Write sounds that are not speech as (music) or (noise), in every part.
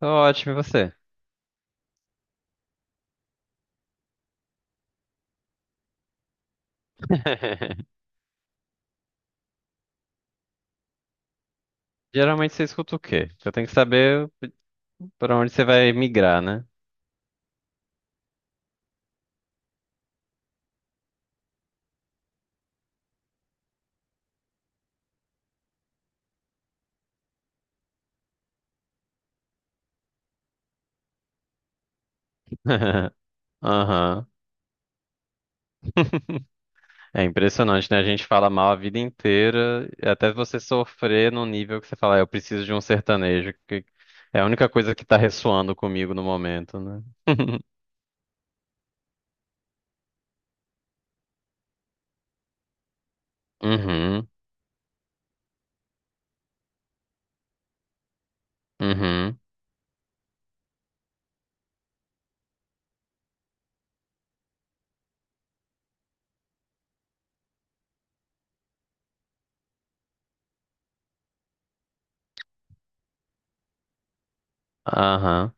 Tô ótimo, e você? (laughs) Geralmente você escuta o quê? Eu tenho que saber pra onde você vai migrar, né? (laughs) Aham. (laughs) É impressionante, né? A gente fala mal a vida inteira, e até você sofrer num nível que você fala, "Ah, eu preciso de um sertanejo, que é a única coisa que tá ressoando comigo no momento, né?" (laughs) Uhum, uhum, aham.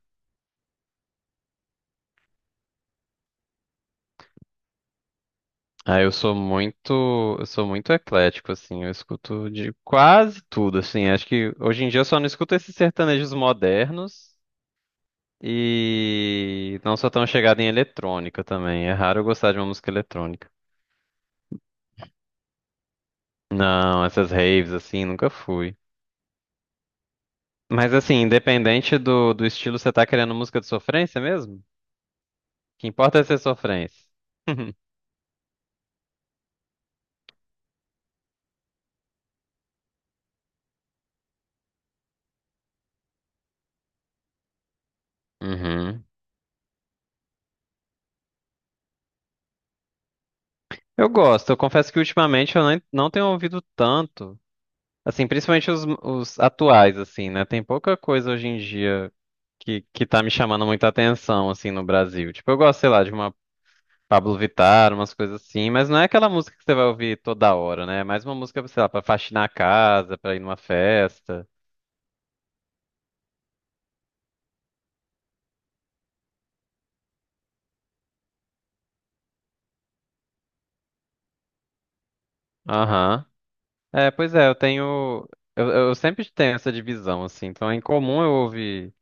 Ah, eu sou muito eclético, assim, eu escuto de quase tudo, assim. Acho que hoje em dia eu só não escuto esses sertanejos modernos e não sou tão chegado em eletrônica também, é raro eu gostar de uma música eletrônica. Não, essas raves, assim, nunca fui. Mas, assim, independente do estilo, você tá querendo música de sofrência mesmo? O que importa é ser sofrência. (laughs) Uhum. Eu gosto, eu confesso que ultimamente eu nem- não tenho ouvido tanto. Assim, principalmente os atuais, assim, né? Tem pouca coisa hoje em dia que tá me chamando muita atenção, assim, no Brasil. Tipo, eu gosto, sei lá, de uma Pablo Vittar, umas coisas assim, mas não é aquela música que você vai ouvir toda hora, né? É mais uma música, sei lá, pra faxinar a casa, pra ir numa festa. Aham. É, pois é, eu tenho. Eu sempre tenho essa divisão, assim. Então é incomum eu ouvir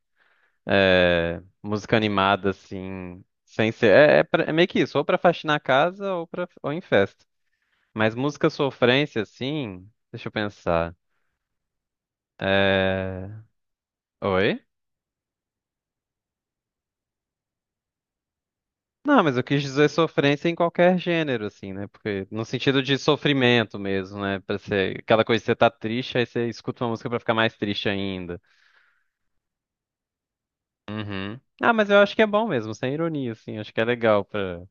música animada, assim, sem ser. É meio que isso, ou pra faxinar a casa, ou pra, ou em festa. Mas música sofrência, assim, deixa eu pensar. É... Oi? Não, mas eu quis dizer sofrência em qualquer gênero, assim, né? Porque no sentido de sofrimento mesmo, né? Pra ser aquela coisa que você tá triste, aí você escuta uma música pra ficar mais triste ainda. Uhum. Ah, mas eu acho que é bom mesmo, sem ironia, assim. Acho que é legal pra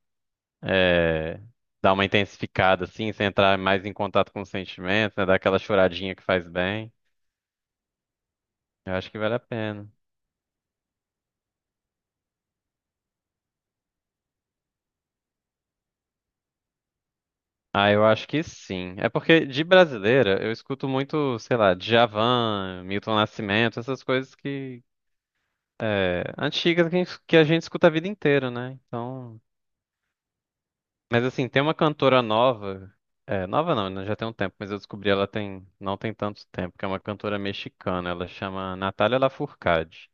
é, dar uma intensificada, assim, você entrar mais em contato com os sentimentos, né? Dar aquela choradinha que faz bem. Eu acho que vale a pena. Ah, eu acho que sim. É porque de brasileira eu escuto muito, sei lá, Djavan, Milton Nascimento, essas coisas que antigas, que a gente escuta a vida inteira, né? Então, mas assim, tem uma cantora nova, é, nova não, né, já tem um tempo, mas eu descobri ela tem não tem tanto tempo, que é uma cantora mexicana, ela chama Natália Lafourcade.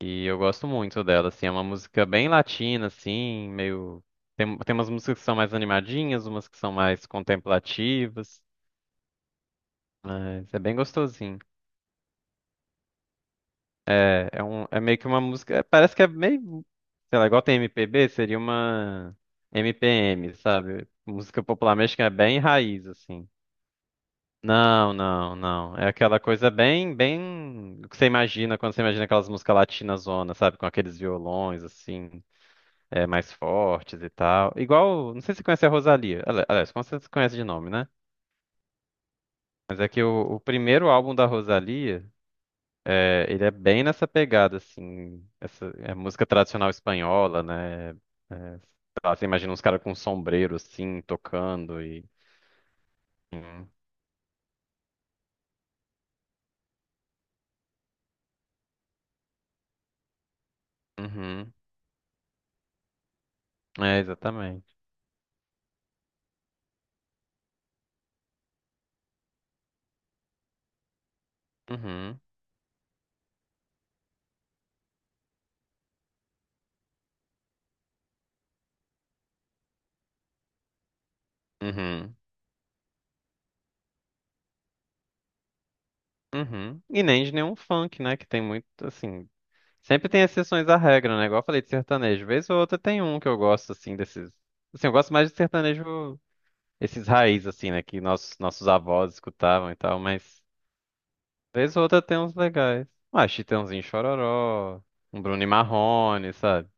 E eu gosto muito dela, assim, é uma música bem latina, assim, meio tem umas músicas que são mais animadinhas, umas que são mais contemplativas. Mas é bem gostosinho. É, é um, é meio que uma música. É, Parece que é meio. Sei lá, igual tem MPB, seria uma MPM, sabe? Música popular mexicana é bem raiz, assim. Não, não, não. É aquela coisa bem, bem. O que você imagina quando você imagina aquelas músicas latinas zona, sabe? Com aqueles violões, assim, mais fortes e tal. Igual. Não sei se você conhece a Rosalía. Aliás, como você conhece de nome, né? Mas é que o primeiro álbum da Rosalía. É, ele é bem nessa pegada, assim, essa é música tradicional espanhola, né? É, sei lá, você imagina uns caras com um sombreiro, assim, tocando e... Uhum, uhum. Exatamente. Uhum, uhum, uhum. E nem de nenhum funk, né? Que tem muito, assim... Sempre tem exceções à regra, né? Igual eu falei de sertanejo. Vez ou outra tem um que eu gosto, assim, desses... Assim, eu gosto mais de sertanejo, esses raiz, assim, né? Que nossos avós escutavam e tal, mas... Vez ou outra tem uns legais. Ah, Chitãozinho e Chororó, um Bruno e Marrone, sabe?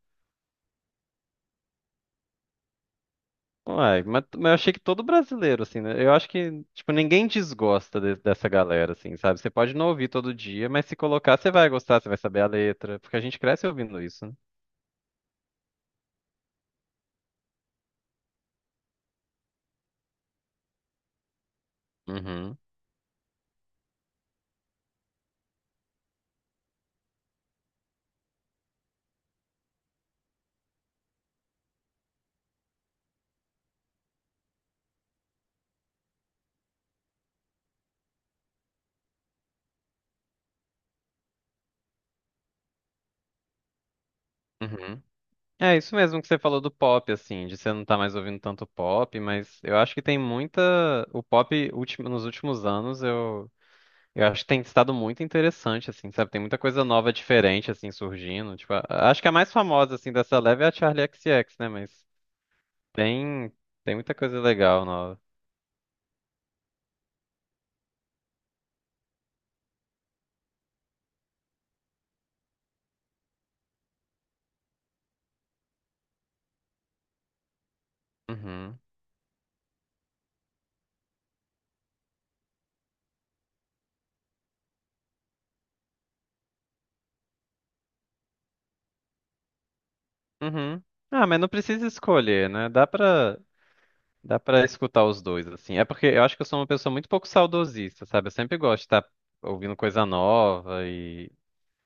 Uai, mas eu achei que todo brasileiro, assim, né? Eu acho que, tipo, ninguém desgosta dessa galera, assim, sabe? Você pode não ouvir todo dia, mas se colocar, você vai gostar, você vai saber a letra, porque a gente cresce ouvindo isso, né? Uhum, uhum. É isso mesmo que você falou do pop, assim, de você não tá mais ouvindo tanto pop, mas eu acho que tem muita. O pop, nos últimos anos, Eu acho que tem estado muito interessante, assim, sabe? Tem muita coisa nova, diferente, assim, surgindo. Tipo, acho que a mais famosa, assim, dessa leve é a Charli X, C X, né? Mas tem, tem muita coisa legal nova. Uhum. Uhum. Ah, mas não precisa escolher, né? Dá pra escutar os dois, assim. É porque eu acho que eu sou uma pessoa muito pouco saudosista, sabe? Eu sempre gosto de estar ouvindo coisa nova e...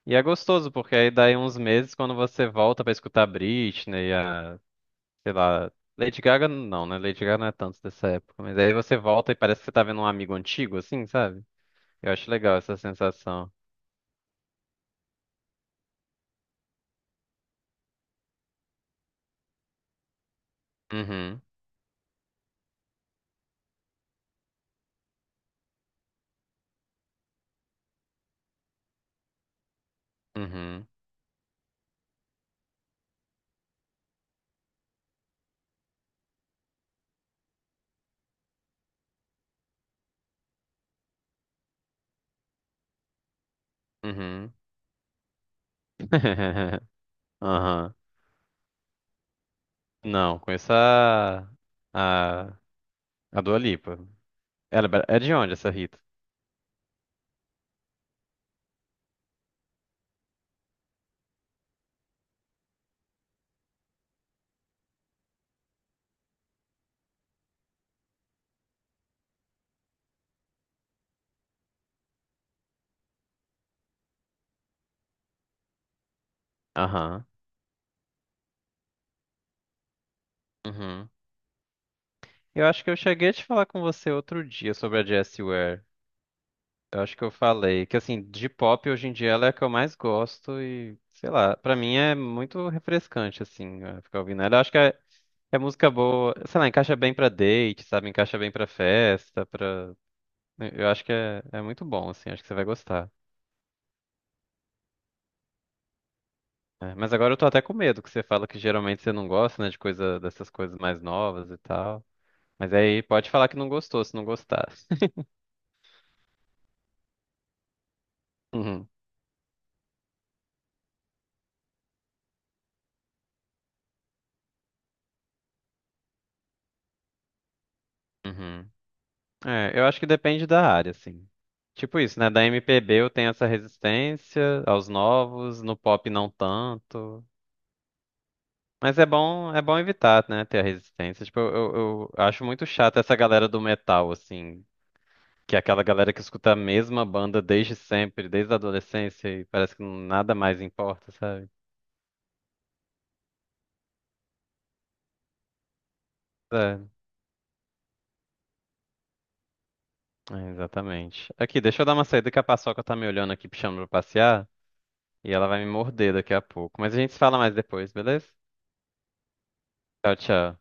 E é gostoso, porque aí daí uns meses, quando você volta pra escutar Britney, sei lá. Lady Gaga não, né? Lady Gaga não é tanto dessa época. Mas aí você volta e parece que você tá vendo um amigo antigo, assim, sabe? Eu acho legal essa sensação. Uhum, uhum, uhum. (laughs) Aham. Não, conheço a, a Dua Lipa. Ela é é de onde essa Rita? Aham. Uhum. Eu acho que eu cheguei a te falar com você outro dia sobre a Jessie Ware. Eu acho que eu falei que, assim, de pop hoje em dia ela é a que eu mais gosto e, sei lá, pra mim é muito refrescante, assim, ficar ouvindo ela. Eu acho que é música boa, sei lá, encaixa bem pra date, sabe? Encaixa bem pra festa, pra... Eu acho que é, é muito bom, assim, acho que você vai gostar. É, mas agora eu tô até com medo, que você fala que geralmente você não gosta, né, de coisa dessas coisas mais novas e tal. Mas aí pode falar que não gostou, se não gostar. Uhum. Uhum. É, eu acho que depende da área, assim. Tipo isso, né? Da MPB eu tenho essa resistência aos novos, no pop não tanto. Mas é bom evitar, né? Ter a resistência. Tipo, eu acho muito chato essa galera do metal, assim. Que é aquela galera que escuta a mesma banda desde sempre, desde a adolescência, e parece que nada mais importa, sabe? É, é, exatamente. Aqui, deixa eu dar uma saída, que a Paçoca tá me olhando aqui, me chamando pra passear, e ela vai me morder daqui a pouco. Mas a gente se fala mais depois, beleza? Tchau, tchau.